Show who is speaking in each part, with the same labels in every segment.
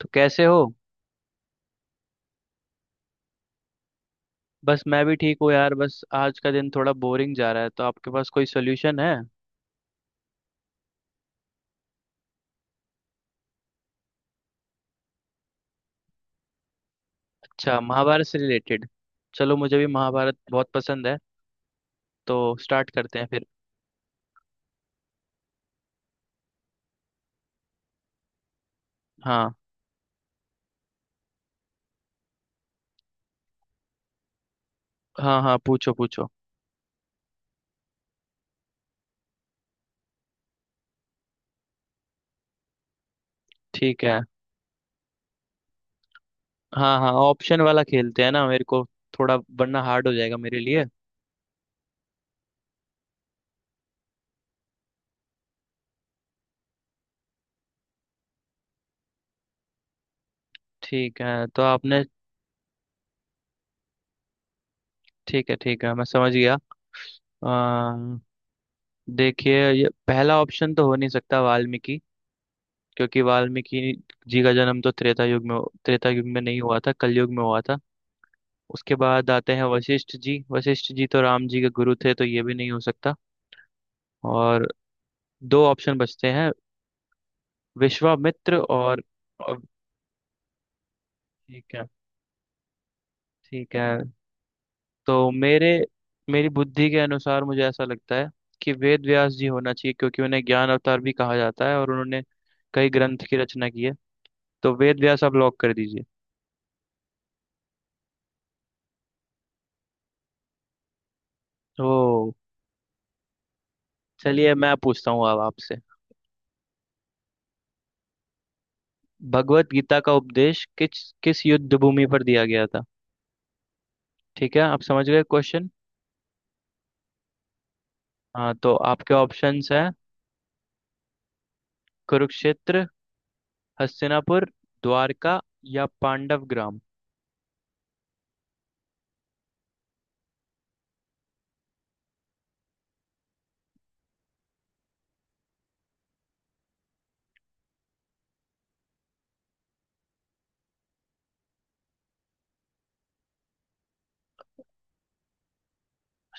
Speaker 1: तो कैसे हो। बस मैं भी ठीक हूँ यार। बस आज का दिन थोड़ा बोरिंग जा रहा है, तो आपके पास कोई सोल्यूशन है? अच्छा, महाभारत से रिलेटेड। चलो, मुझे भी महाभारत बहुत पसंद है। तो स्टार्ट करते हैं फिर। हाँ हाँ हाँ, पूछो पूछो। ठीक है। हाँ हाँ, ऑप्शन वाला खेलते हैं ना मेरे को थोड़ा, वरना हार्ड हो जाएगा मेरे लिए। ठीक है, तो आपने। ठीक है ठीक है, मैं समझ गया। अ, देखिए, ये पहला ऑप्शन तो हो नहीं सकता वाल्मीकि, क्योंकि वाल्मीकि जी का जन्म तो त्रेता युग में नहीं हुआ था, कलयुग में हुआ था। उसके बाद आते हैं वशिष्ठ जी। वशिष्ठ जी तो राम जी के गुरु थे, तो ये भी नहीं हो सकता। और दो ऑप्शन बचते हैं, विश्वामित्र और। और- ठीक है। ठीक है। तो मेरे मेरी बुद्धि के अनुसार मुझे ऐसा लगता है कि वेद व्यास जी होना चाहिए, क्योंकि उन्हें ज्ञान अवतार भी कहा जाता है और उन्होंने कई ग्रंथ की रचना की है। तो वेद व्यास आप लॉक कर दीजिए। तो चलिए, मैं पूछता हूँ अब आपसे। भगवत गीता का उपदेश किस किस युद्ध भूमि पर दिया गया था? ठीक है, आप समझ गए क्वेश्चन? हाँ, तो आपके ऑप्शंस हैं, कुरुक्षेत्र, हस्तिनापुर, द्वारका या पांडव ग्राम।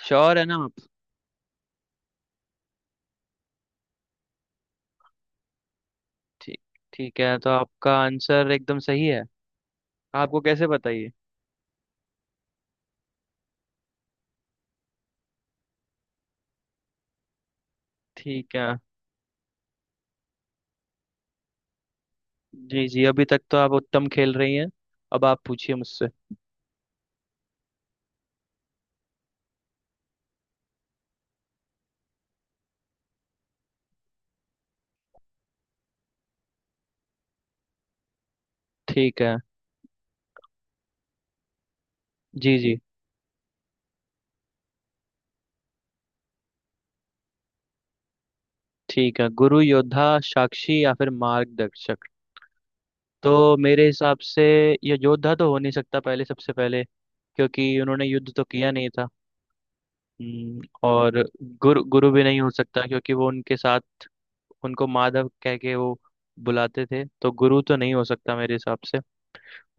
Speaker 1: श्योर है ना आप? ठीक ठीक है, तो आपका आंसर एकदम सही है। आपको कैसे बताइए। ठीक है। जी जी, अभी तक तो आप उत्तम खेल रही हैं। अब आप पूछिए मुझसे। ठीक है। जी जी। ठीक है, गुरु, योद्धा, साक्षी या फिर मार्गदर्शक। तो मेरे हिसाब से ये योद्धा तो हो नहीं सकता, पहले सबसे पहले, क्योंकि उन्होंने युद्ध तो किया नहीं था। और गुरु गुरु भी नहीं हो सकता, क्योंकि वो उनके साथ उनको माधव कह के वो बुलाते थे, तो गुरु तो नहीं हो सकता मेरे हिसाब से।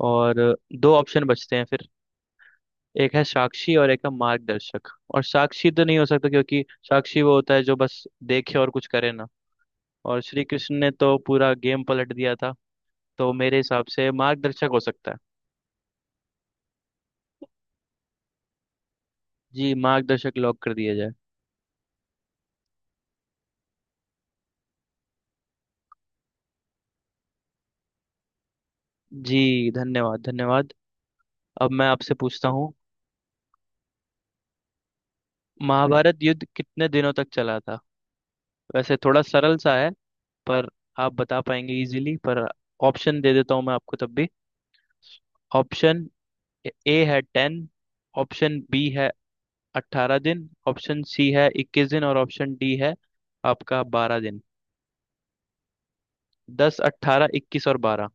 Speaker 1: और दो ऑप्शन बचते हैं फिर, एक है साक्षी और एक है मार्गदर्शक। और साक्षी तो नहीं हो सकता, क्योंकि साक्षी वो होता है जो बस देखे और कुछ करे ना। और श्री कृष्ण ने तो पूरा गेम पलट दिया था। तो मेरे हिसाब से मार्गदर्शक हो सकता है। जी, मार्गदर्शक लॉक कर दिया जाए। जी, धन्यवाद धन्यवाद। अब मैं आपसे पूछता हूँ, महाभारत युद्ध कितने दिनों तक चला था? वैसे थोड़ा सरल सा है, पर आप बता पाएंगे इजीली। पर ऑप्शन दे देता हूँ मैं आपको तब भी। ऑप्शन ए है 10। ऑप्शन बी है 18 दिन, ऑप्शन सी है 21 दिन और ऑप्शन डी है आपका 12 दिन। 10, 18, 21 और 12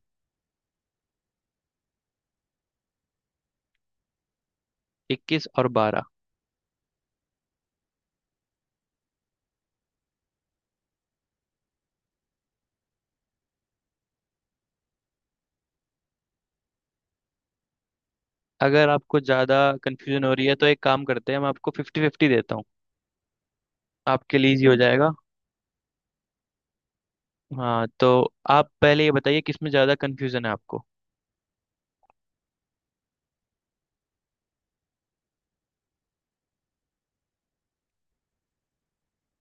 Speaker 1: इक्कीस और बारह अगर आपको ज़्यादा कंफ्यूजन हो रही है, तो एक काम करते हैं, मैं आपको 50-50 देता हूँ। आपके लिए इजी हो जाएगा। हाँ, तो आप पहले ये बताइए, किसमें ज़्यादा कन्फ्यूजन है आपको?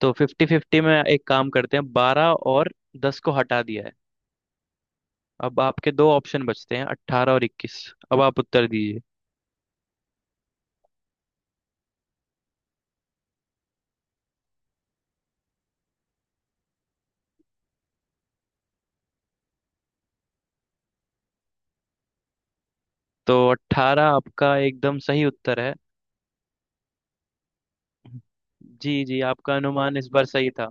Speaker 1: तो 50-50 में एक काम करते हैं, 12 और 10 को हटा दिया है। अब आपके दो ऑप्शन बचते हैं, 18 और 21। अब आप उत्तर दीजिए। तो 18 आपका एकदम सही उत्तर है। जी जी, आपका अनुमान इस बार सही था।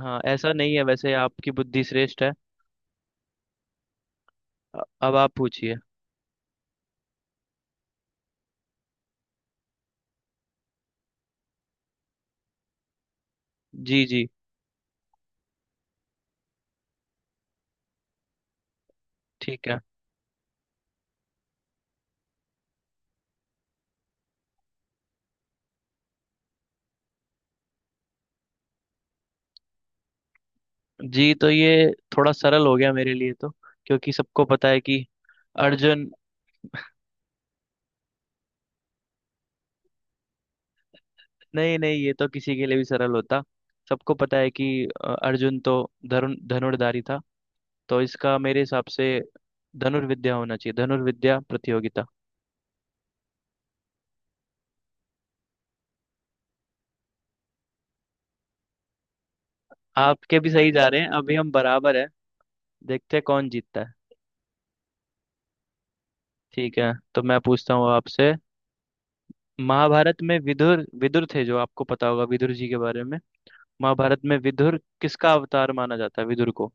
Speaker 1: हाँ, ऐसा नहीं है, वैसे आपकी बुद्धि श्रेष्ठ है। अ- अब आप पूछिए। जी जी। ठीक है। जी तो ये थोड़ा सरल हो गया मेरे लिए, तो क्योंकि सबको पता है कि अर्जुन। नहीं नहीं, ये तो किसी के लिए भी सरल होता। सबको पता है कि अर्जुन तो धनुर्धारी था। तो इसका मेरे हिसाब से धनुर्विद्या होना चाहिए, धनुर्विद्या प्रतियोगिता। आपके भी सही जा रहे हैं, अभी हम बराबर है। देखते हैं कौन जीतता है। ठीक है, तो मैं पूछता हूँ आपसे। महाभारत में विदुर विदुर थे, जो आपको पता होगा विदुर जी के बारे में। महाभारत में विदुर किसका अवतार माना जाता है, विदुर को?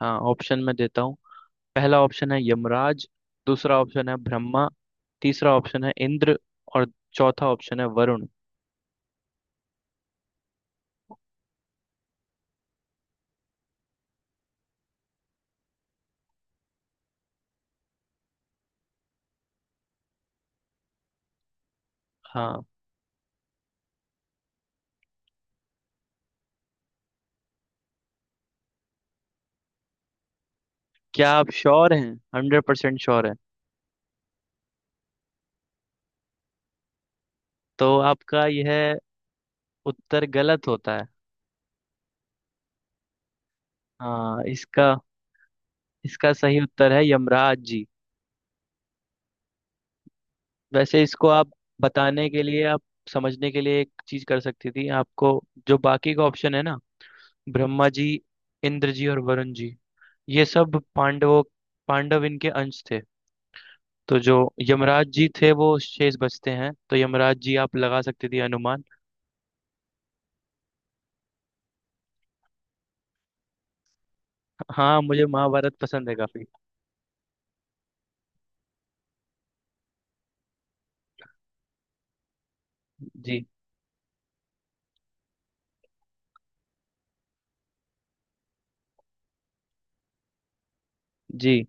Speaker 1: हाँ, ऑप्शन मैं देता हूँ। पहला ऑप्शन है यमराज। दूसरा ऑप्शन है ब्रह्मा। तीसरा ऑप्शन है इंद्र। और चौथा ऑप्शन है वरुण। हाँ। क्या आप श्योर हैं, 100% श्योर है? तो आपका यह उत्तर गलत होता है। हाँ, इसका इसका सही उत्तर है यमराज जी। वैसे इसको आप बताने के लिए, आप समझने के लिए, एक चीज कर सकती थी आपको। जो बाकी का ऑप्शन है ना, ब्रह्मा जी, इंद्र जी और वरुण जी, ये सब पांडव इनके अंश थे। तो जो यमराज जी थे, वो शेष बचते हैं, तो यमराज जी आप लगा सकती थी अनुमान। हाँ, मुझे महाभारत पसंद है काफी। जी जी।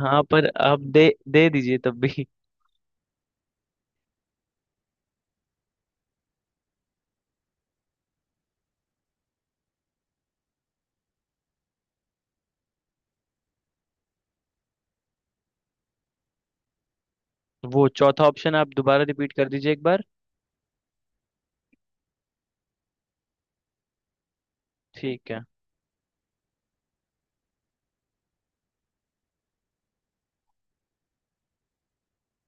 Speaker 1: हाँ, पर आप दे दे दीजिए तब भी। वो चौथा ऑप्शन आप दोबारा रिपीट कर दीजिए एक बार। ठीक है।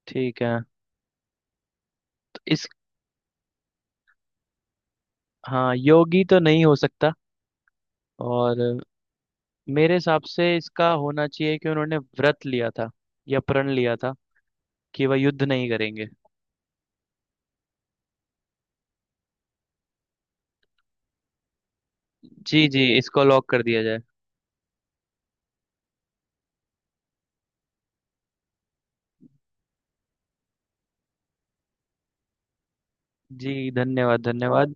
Speaker 1: ठीक है। तो इस हाँ, योगी तो नहीं हो सकता। और मेरे हिसाब से इसका होना चाहिए कि उन्होंने व्रत लिया था या प्रण लिया था कि वह युद्ध नहीं करेंगे। जी जी, इसको लॉक कर दिया जाए। जी, धन्यवाद धन्यवाद।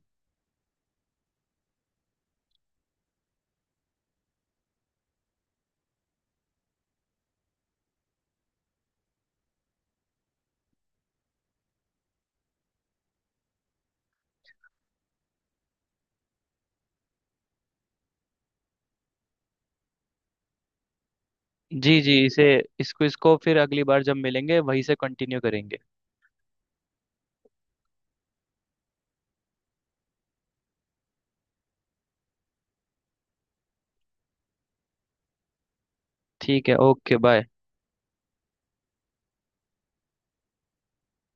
Speaker 1: जी जी, इसे इसको इसको फिर अगली बार जब मिलेंगे वहीं से कंटिन्यू करेंगे। ठीक है, ओके बाय।